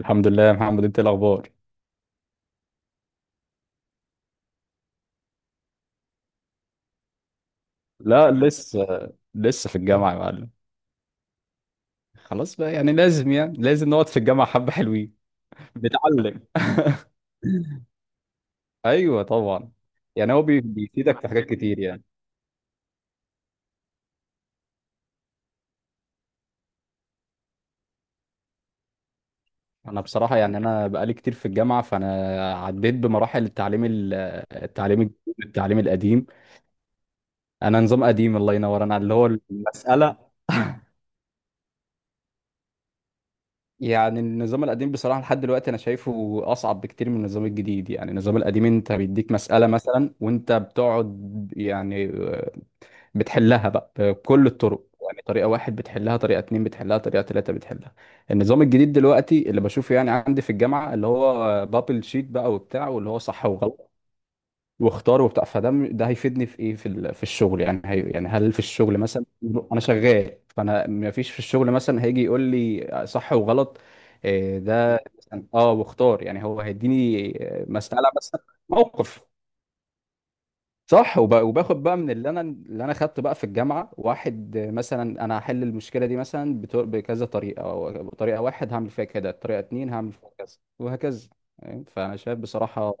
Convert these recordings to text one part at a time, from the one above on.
الحمد لله يا محمد، انت ايه الاخبار؟ لا لسه. لسه في الجامعه يا معلم. خلاص بقى، يعني لازم نقعد في الجامعه حبه حلوين. بتعلم. ايوه طبعا. يعني هو بيفيدك في حاجات كتير يعني. انا بصراحه يعني انا بقالي كتير في الجامعه، فانا عديت بمراحل التعليم التعليم الجديد، التعليم القديم. انا نظام قديم، الله ينور، انا اللي هو المساله. يعني النظام القديم بصراحة لحد دلوقتي أنا شايفه أصعب بكتير من النظام الجديد. يعني النظام القديم أنت بيديك مسألة مثلا، وأنت بتقعد يعني، بتحلها بقى بكل الطرق. يعني طريقة واحد بتحلها، طريقة اتنين بتحلها، طريقة تلاتة بتحلها. النظام الجديد دلوقتي اللي بشوفه يعني عندي في الجامعة اللي هو بابل شيت بقى وبتاع، واللي هو صح وغلط، واختار وبتاع. ده هيفيدني في ايه، في الشغل يعني. هي يعني هل في الشغل مثلا انا شغال؟ فانا ما فيش في الشغل مثلا هيجي يقول لي صح وغلط. إيه ده مثلاً؟ اه واختار يعني، هو هيديني مسألة مثلا. موقف صح. وباخد بقى من اللي انا خدته بقى في الجامعه واحد، مثلا انا هحل المشكله دي مثلا بكذا طريقه، أو بطريقه واحد هعمل فيها كده، طريقه اتنين هعمل فيها كذا، وهكذا يعني. فانا شايف بصراحه.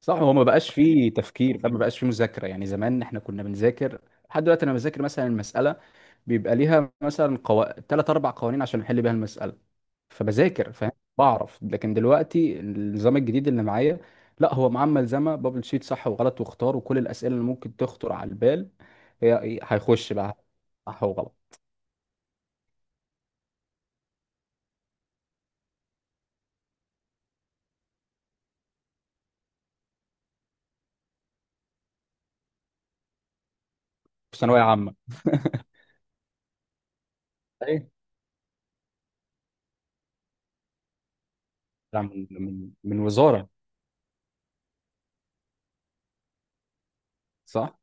صح، هو ما بقاش فيه تفكير، فما بقاش فيه مذاكره يعني. زمان احنا كنا بنذاكر. لحد دلوقتي انا بذاكر مثلا المساله بيبقى ليها مثلا تلات اربع قوانين عشان احل بيها المساله. فبذاكر فاهم بعرف. لكن دلوقتي النظام الجديد اللي معايا، لا هو معاه ملزمه بابل شيت صح وغلط واختار وكل الاسئله اللي ممكن تخطر على البال هي إيه، هيخش بقى صح وغلط. في ثانويه عامه. ايه بتاع من وزاره. صح،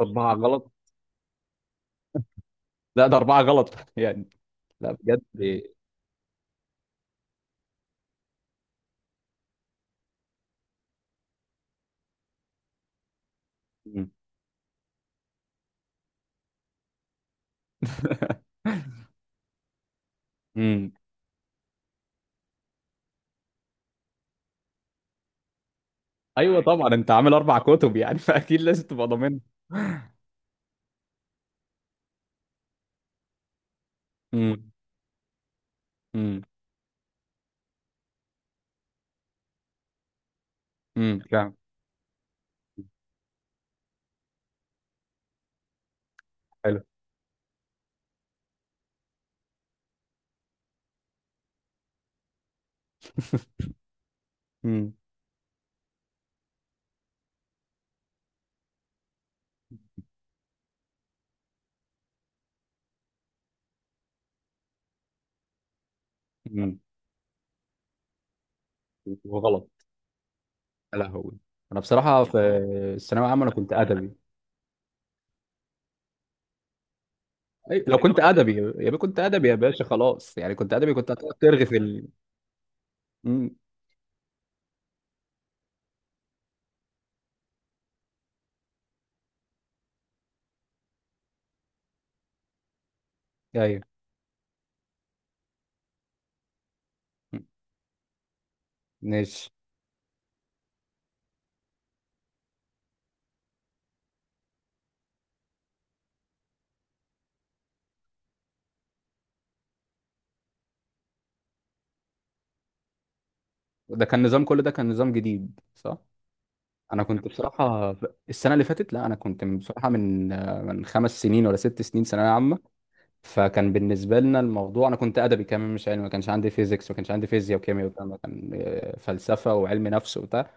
اربعه غلط. لا ده اربعه غلط يعني. لا بجد. مم. مم. ايوه طبعا، انت عامل اربع كتب يعني فاكيد لازم تبقى ضامن. امم. امم. امم. فاهم. حلو. امم. امم. وغلط. يا لهوي، انا بصراحه في الثانويه العامه انا كنت ادبي. لو كنت ادبي يا بيه، كنت ادبي يا باشا، خلاص يعني كنت ادبي كنت هتقعد ترغي في ال... امم. ايوه. مم. ماشي. ده كان نظام، كل ده كان نظام جديد، صح؟ انا كنت بصراحه. السنه اللي فاتت لا، انا كنت بصراحه من 5 سنين ولا 6 سنين ثانويه عامه. فكان بالنسبه لنا الموضوع انا كنت ادبي كمان مش علمي، ما كانش عندي فيزيكس، ما كانش عندي فيزياء وكيمياء وبتاع. ما كان، فلسفه وعلم نفس وبتاع.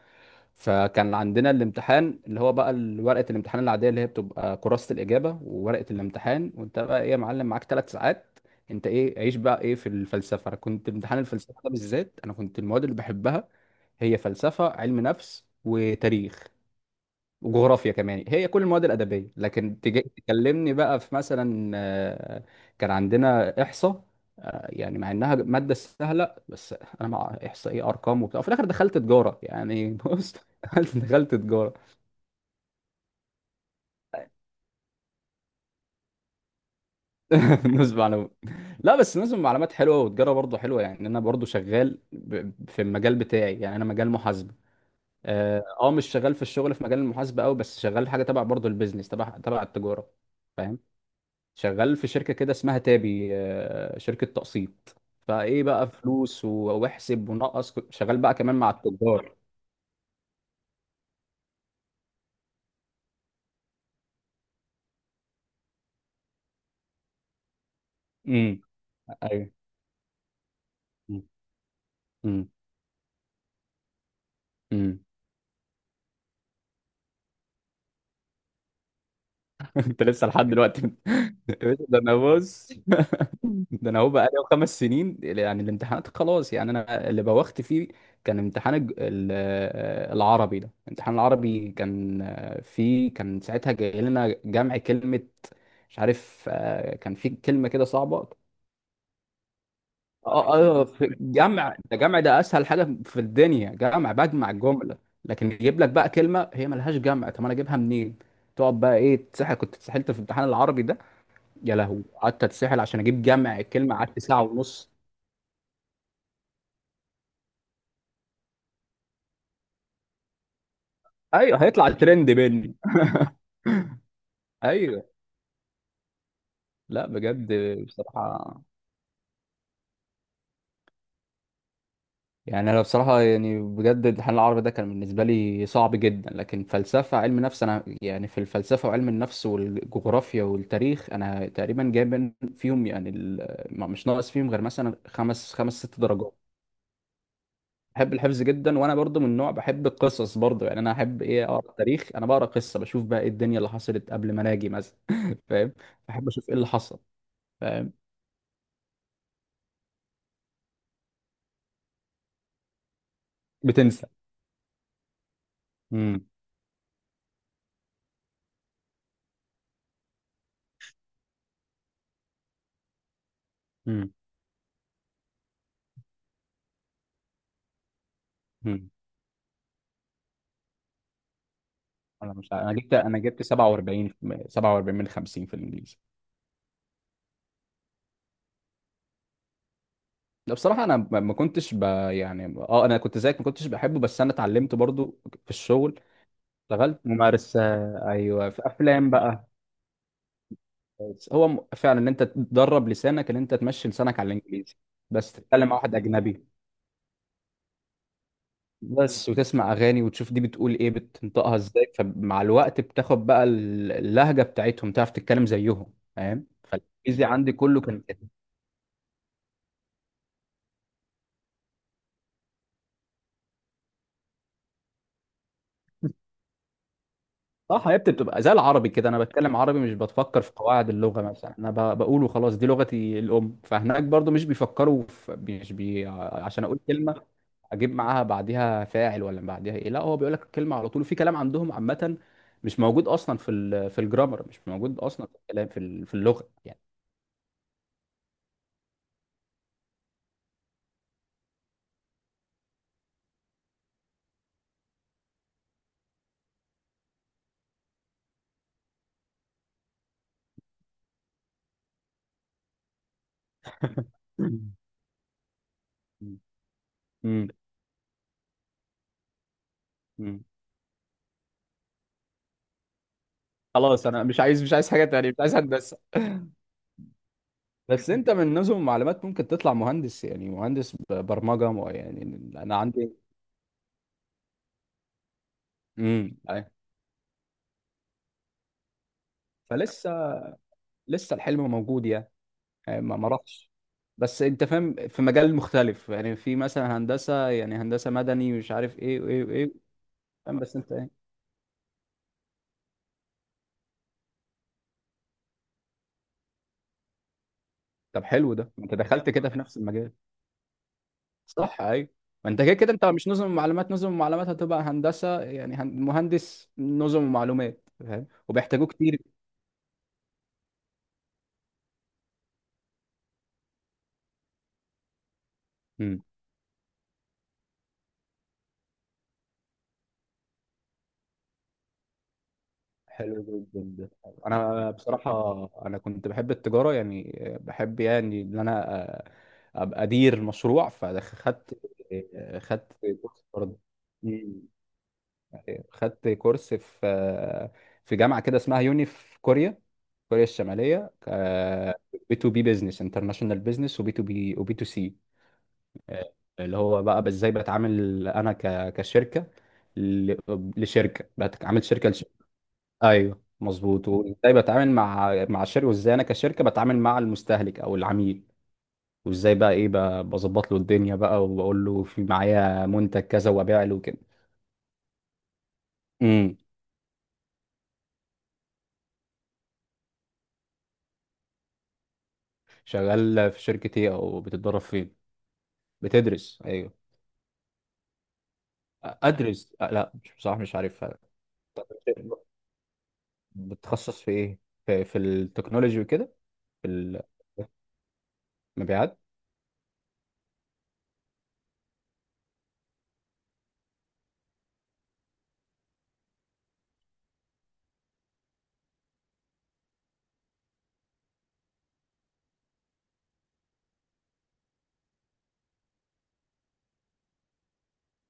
فكان عندنا الامتحان اللي هو بقى ورقه الامتحان العاديه، اللي هي بتبقى كراسه الاجابه وورقه الامتحان، وانت بقى ايه يا معلم معاك 3 ساعات. انت ايه عيش بقى، ايه في الفلسفه؟ انا كنت امتحان الفلسفه ده بالذات، انا كنت المواد اللي بحبها هي فلسفه، علم نفس، وتاريخ، وجغرافيا كمان. هي كل المواد الادبيه، لكن تجي تكلمني بقى في مثلا، كان عندنا احصاء. يعني مع انها ماده سهله، بس انا مع احصاء ايه، ارقام وبتاع، في الاخر دخلت تجاره يعني. بص، دخلت تجاره. نسبة معلومات. لا بس نسبة معلومات حلوه وتجاره برضه حلوه يعني، انا برضه شغال في المجال بتاعي يعني، انا مجال محاسبه. اه، مش شغال في الشغل في مجال المحاسبه قوي، بس شغال حاجه تبع برضه البيزنس تبع التجاره. فاهم. شغال في شركة كده اسمها تابي، شركة تقسيط. فايه بقى فلوس واحسب ونقص، كنت شغال بقى كمان مع التجار. امم. ايوه. امم. امم. أمم. انت لسه لحد دلوقتي يا باشا، ده انا بص. ده انا هو بقى لي 5 سنين يعني الامتحانات خلاص يعني، انا اللي بوخت فيه. كان امتحان العربي ده، امتحان العربي كان، فيه كان ساعتها جاي لنا جمع كلمة. مش عارف، كان في كلمة كده صعبة. اه، اه، في جمع، ده جمع، ده اسهل حاجه في الدنيا، جمع بجمع الجمله. لكن يجيب لك بقى كلمه هي ملهاش جمع، طب انا اجيبها منين؟ تقعد بقى ايه، تسحل. كنت اتسحلت في امتحان العربي ده. يا لهوي، قعدت اتسحل عشان اجيب جمع الكلمه، قعدت ساعه ونص. ايوه، هيطلع الترند مني. ايوه. لا بجد بصراحه. يعني انا بصراحه يعني بجد الامتحان العربي ده كان بالنسبه لي صعب جدا. لكن فلسفه علم نفس، انا يعني في الفلسفه وعلم النفس والجغرافيا والتاريخ انا تقريبا جايب فيهم يعني، مش ناقص فيهم غير مثلا خمس، خمس ست درجات. بحب الحفظ جدا، وانا برضو من نوع بحب القصص. برضو يعني انا احب ايه، اقرا تاريخ، انا بقرا قصه، بشوف بقى ايه الدنيا اللي حصلت قبل ما اجي مثلا. فاهم. بحب اشوف ايه اللي حصل. فاهم. بتنسى. امم. انا مش عارف. انا جبت 47. 47 من 50 في الانجليزي. ده بصراحه انا ما كنتش ب... يعني اه، انا كنت زيك ما كنتش بحبه، بس انا اتعلمت برضو في الشغل. اشتغلت ممارسه. ايوه في افلام بقى. بس هو فعلا ان انت تدرب لسانك، ان انت تمشي لسانك على الانجليزي. بس تتكلم مع واحد اجنبي بس، وتسمع اغاني وتشوف دي بتقول ايه، بتنطقها ازاي، فمع الوقت بتاخد بقى اللهجه بتاعتهم، تعرف تتكلم زيهم. فاهم، فالانجليزي عندي كله كان. صح حبيبتي، بتبقى زي العربي كده، انا بتكلم عربي مش بتفكر في قواعد اللغه مثلا. انا بقول وخلاص، دي لغتي الام، فهناك برضو مش بيفكروا في، مش بي عشان اقول كلمه اجيب معاها بعديها فاعل ولا بعديها ايه. لا هو بيقول لك الكلمه على طول. في كلام عندهم عامه مش موجود اصلا في الجرامر، مش موجود اصلا في الكلام في اللغه يعني. مم. امم. امم. خلاص انا مش عايز، مش عايز حاجه تانية، مش عايز هندسه. بس انت من نظم المعلومات ممكن تطلع مهندس، يعني مهندس برمجه يعني. انا عندي. امم. فلسه، لسه الحلم موجود يعني، يعني ما راحش. بس انت فاهم في مجال مختلف يعني، في مثلا هندسه يعني هندسه مدني ومش عارف ايه وايه وايه. فاهم. بس انت ايه. طب حلو ده، ما انت دخلت كده في نفس المجال. صح ايوه. ما انت كده كده انت مش نظم معلومات، نظم معلومات هتبقى هندسه يعني مهندس نظم ومعلومات، فاهم، وبيحتاجوه كتير. مم. حلو جدا ده. انا بصراحه، انا كنت بحب التجاره يعني، بحب يعني ان انا أ- ابقى ادير مشروع، فخدت. خدت كورس برضه. مم. خدت كورس في، في جامعه كده اسمها يوني في كوريا، كوريا الشماليه. بي تو بي، بزنس انترناشونال بزنس، وبي تو بي، وبي تو سي، آه، اللي هو بقى ازاي بتعامل انا كشركه ل- لشركه، بتعامل شركه. ايوه مظبوط. وازاي بتعامل مع الشركه، وازاي انا كشركه بتعامل مع المستهلك او العميل. وازاي بقى ايه بظبط له الدنيا بقى، وبقول له في معايا منتج كذا وابيع له كده. امم. شغال في شركه ايه، او بتتدرب فين؟ بتدرس. ايوه. ادرس. لا مش، بصراحه مش عارفها. طب بتتخصص في ايه، في التكنولوجي وكده؟ في المبيعات.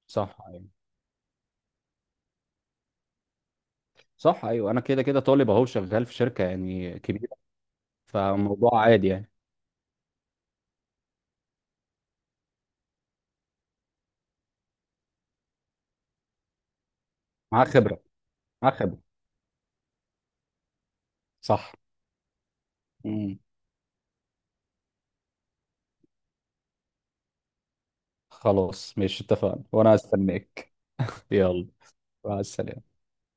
صح ايوه. صح ايوه، انا كده كده طالب اهو شغال في شركه يعني كبيره، فموضوع عادي يعني. معاه خبره. معاه خبره. صح. مم. خلاص ماشي، اتفقنا، وانا هستناك. يلا، مع السلامة.